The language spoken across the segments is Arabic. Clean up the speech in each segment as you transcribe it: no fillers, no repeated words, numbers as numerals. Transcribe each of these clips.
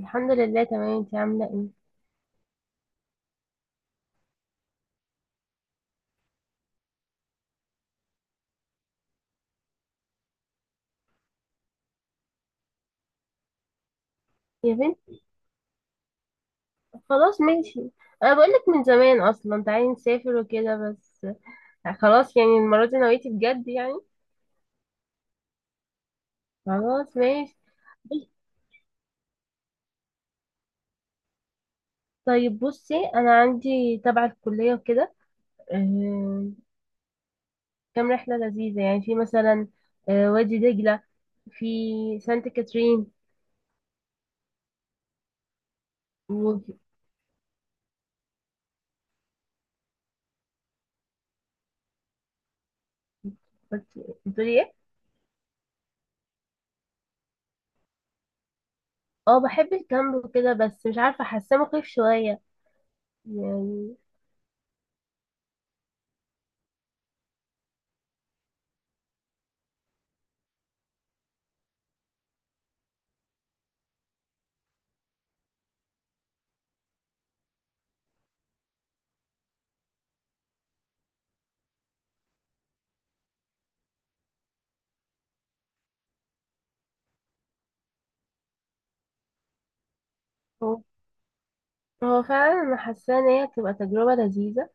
الحمد لله تمام، انت عامله ايه؟ يا بنت، خلاص ماشي. انا بقولك من زمان اصلا تعالي نسافر وكده بس. خلاص يعني المره دي نويتي بجد يعني. خلاص ماشي. طيب بصي، انا عندي تبع الكليه وكده. آه، كام رحله لذيذه يعني، في مثلا وادي دجله. في سانت كاترين. و بتقولي ايه؟ اه بحب الكامب وكده، بس مش عارفه حاساه مخيف شويه يعني. هو فعلا انا حاسه ان هي تبقى تجربه لذيذه.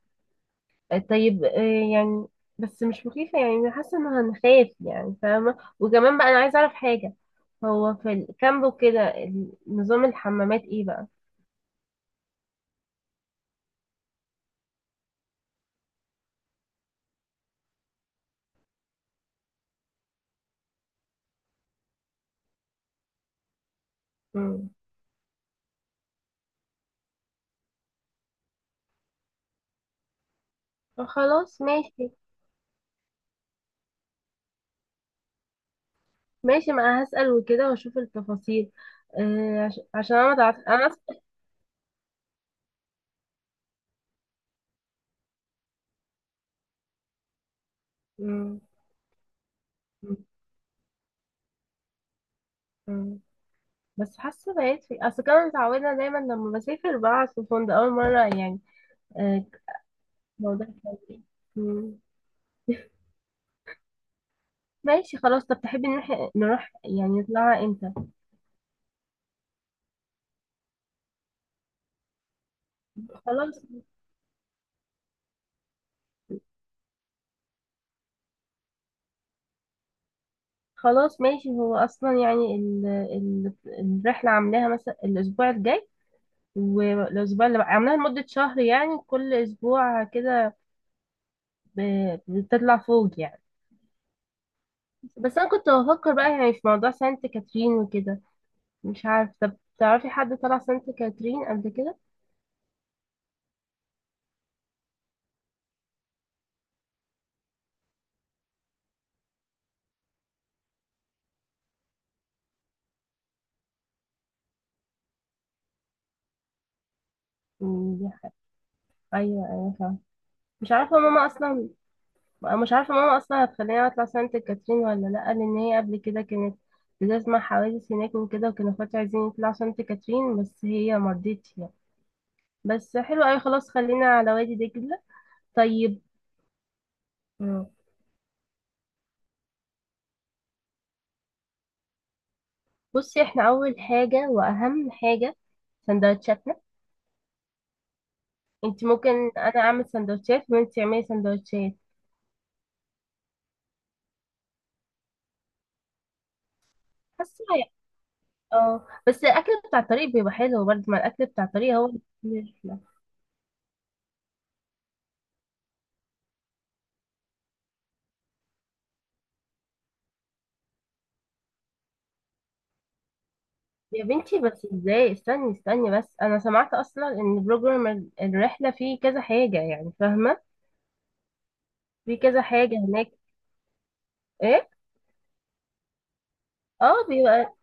طيب يعني، بس مش مخيفه يعني، أنا حاسه ان هنخاف يعني فاهمه، وكمان بقى انا عايزه اعرف حاجه. هو في الكامب وكده، نظام الحمامات ايه بقى؟ مم. خلاص ماشي. ماشي ما انا هسأل وكده واشوف التفاصيل. عشان انا متعرف انا مم. مم. مم. بس حاسه بقيت في اصل كنا متعوده دايما لما بسافر بقعد في فندق اول مره يعني. آه، الموضوع إيه؟ مم. ماشي خلاص. طب تحبي نروح يعني نطلعها امتى؟ خلاص. خلاص ماشي. هو اصلا يعني الرحله عاملاها مثلا الاسبوع الجاي، والاسبوع اللي عاملاها لمده شهر يعني، كل اسبوع كده ب... بتطلع فوق يعني. بس انا كنت بفكر بقى يعني في موضوع سانت كاترين وكده. مش عارف، طب تعرفي حد طلع سانت كاترين قبل كده؟ دي ايوه ايوه فاهمة. مش عارفه ماما اصلا. مش عارفة ماما أصلا هتخليني أطلع سانت كاترين ولا لأ، لأن هي قبل كده كانت بتسمع حوادث هناك وكده، وكانوا اخواتي عايزين يطلعوا سانت كاترين بس هي مرضتش يعني. بس حلو أوي، خلاص خلينا على وادي دجلة. طيب. مم. بصي، احنا أول حاجة وأهم حاجة سندوتشاتنا. انت ممكن، أنا أعمل سندوتشات وانت تعملي سندوتشات. حاسة يعني- اه بس الأكل بتاع الطريق بيبقى حلو برضه، ما الأكل بتاع الطريق هو. يا بنتي بس ازاي، استني استني بس، انا سمعت اصلا ان بروجرام الرحله فيه كذا حاجه يعني فاهمه. في كذا حاجه هناك. ايه. اه بيبقى.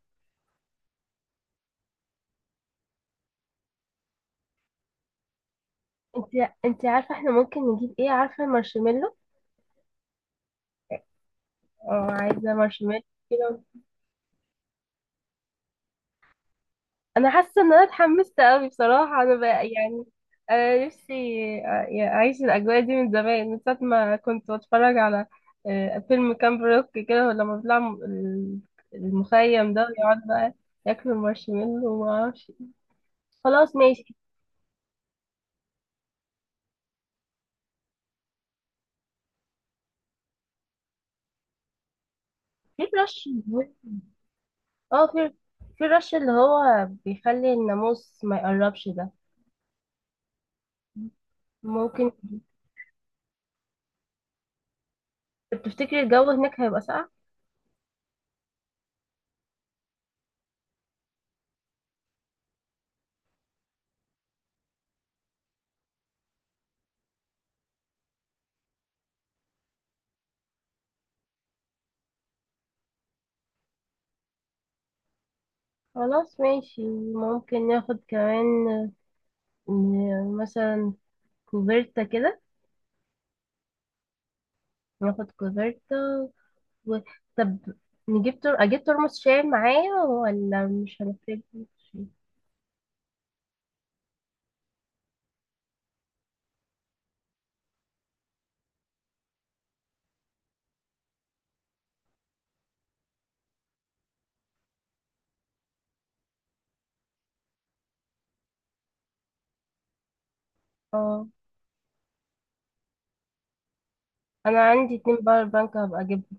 انت انت عارفه احنا ممكن نجيب ايه؟ عارفه مارشميلو؟ اه عايزه مارشميلو. كده. انا حاسه ان انا اتحمست قوي بصراحه انا بقى يعني. انا نفسي يعني اعيش الاجواء دي من زمان، من ساعه ما كنت بتفرج على فيلم كامب روك كده، لما بيطلع المخيم ده ويقعد بقى ياكل المارشميلو وما اعرفش. خلاص ماشي. في رش. اه في رش اللي هو بيخلي الناموس ما يقربش ده. ممكن. تفتكري الجو هناك هيبقى ساقع؟ خلاص ماشي. ممكن ناخد كمان مثلا كوفيرتا كده. ناخد كوفيرتا و... طب نجيب اجيب ترمس شاي معايا ولا مش هنحتاج شاي؟ اه انا عندي اتنين باور بانك هبقى اجيبهم.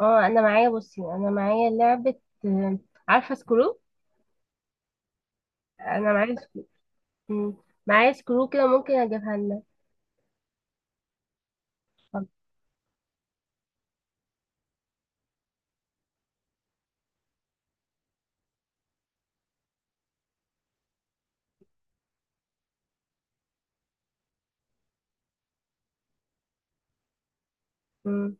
اه انا معايا، بصي انا معايا لعبة. آه، عارفة سكرو؟ انا معايا سكرو. مم. معايا سكرو كده، ممكن اجيبها لنا. طب. مم.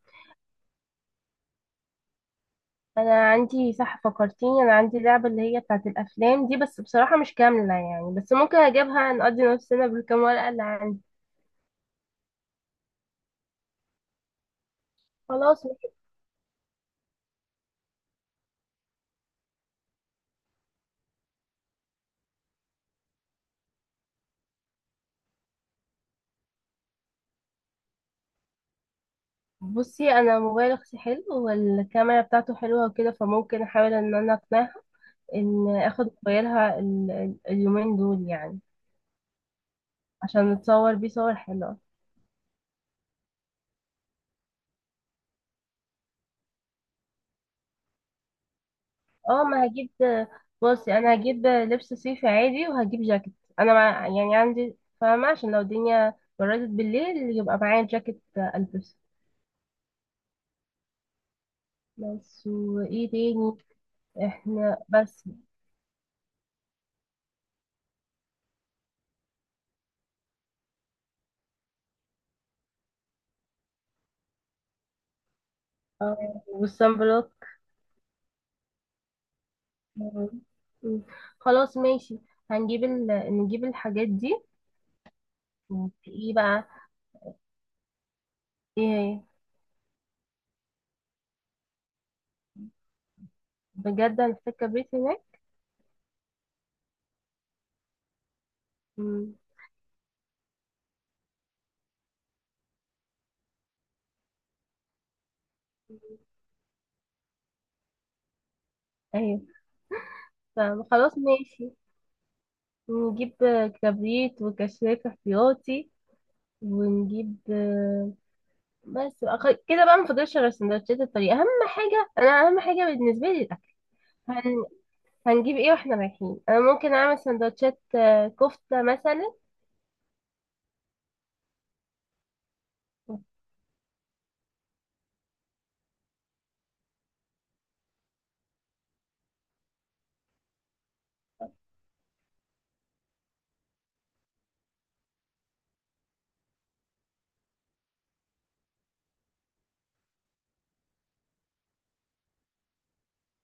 انا عندي، صح فكرتيني، انا عندي لعبة اللي هي بتاعت الافلام دي. بس بصراحة مش كاملة يعني، بس ممكن اجيبها نقضي نفسنا بالكام ورقة اللي عندي. خلاص ماشي. بصي انا موبايل اختي حلو والكاميرا بتاعته حلوه وكده، فممكن احاول ان انا اقنعها ان اخد موبايلها اليومين دول يعني. عشان نتصور بيه صور حلوه. اه ما هجيب. بصي انا هجيب لبس صيفي عادي وهجيب جاكيت. انا مع يعني عندي فاهمه، عشان لو الدنيا بردت بالليل يبقى معايا جاكيت البسه. بس وايه تاني؟ احنا بس. اه والصن بلوك. مم. مم. خلاص ماشي. هنجيب نجيب الحاجات دي. مم. ايه بقى؟ ايه. بجد هنحتاج كبريت هناك. مم. ايوه. فخلاص ماشي، نجيب كبريت وكشاف احتياطي. ونجيب بس كده بقى، ما فاضلش غير سندوتشات الطريق. اهم حاجه انا، اهم حاجه بالنسبه لي الاكل. هن... هنجيب ايه واحنا رايحين؟ انا ممكن اعمل سندوتشات كفته مثلا.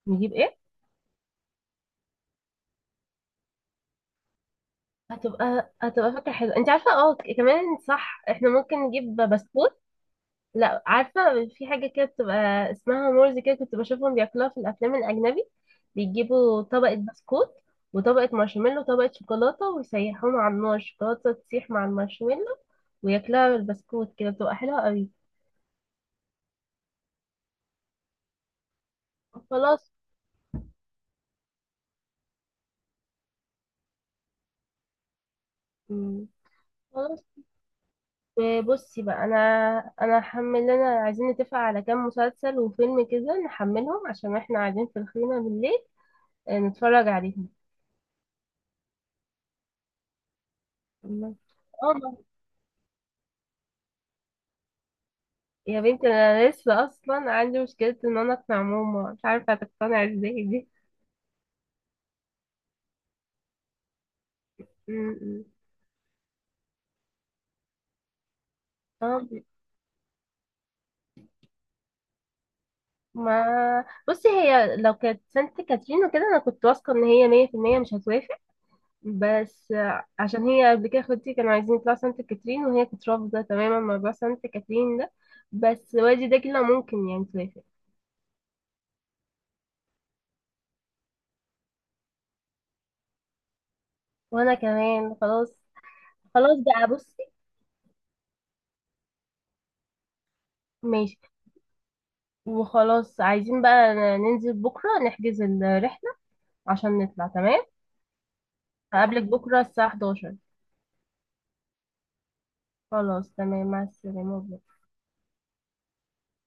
نجيب ايه. هتبقى فكرة حلوة. انت عارفة، اه كمان صح، احنا ممكن نجيب بسكوت. لا عارفة، في حاجة كده بتبقى اسمها مورز كده، كنت بشوفهم بياكلوها في الأفلام الأجنبي. بيجيبوا طبقة بسكوت وطبقة مارشميلو وطبقة شوكولاتة، ويسيحوهم على النار، الشوكولاتة تسيح مع المارشميلو وياكلوها بالبسكوت كده. بتبقى حلوة قوي. خلاص. مم. خلاص بصي بقى، انا هحمل لنا، عايزين نتفق على كام مسلسل وفيلم كده نحملهم عشان احنا قاعدين في الخيمة بالليل نتفرج عليهم. الله. اه. يا بنتي انا لسه اصلا عندي مشكلة ان انا اقنع ماما، مش عارفة هتقتنع ازاي دي. م- م. اه. ما بصي هي لو كانت سانت كاترين وكده، انا كنت واثقة ان هي 100% مش هتوافق. بس عشان هي قبل كده اخواتي كانوا عايزين يطلعوا سانت كاترين وهي كانت رافضة تماما موضوع سانت كاترين ده. بس والدي ده كله ممكن يعني توافق. وانا كمان خلاص. خلاص بقى بصي. ماشي. وخلاص عايزين بقى ننزل بكرة نحجز الرحلة عشان نطلع تمام. هقابلك بكرة الساعة 11. خلاص تمام، مع السلامة.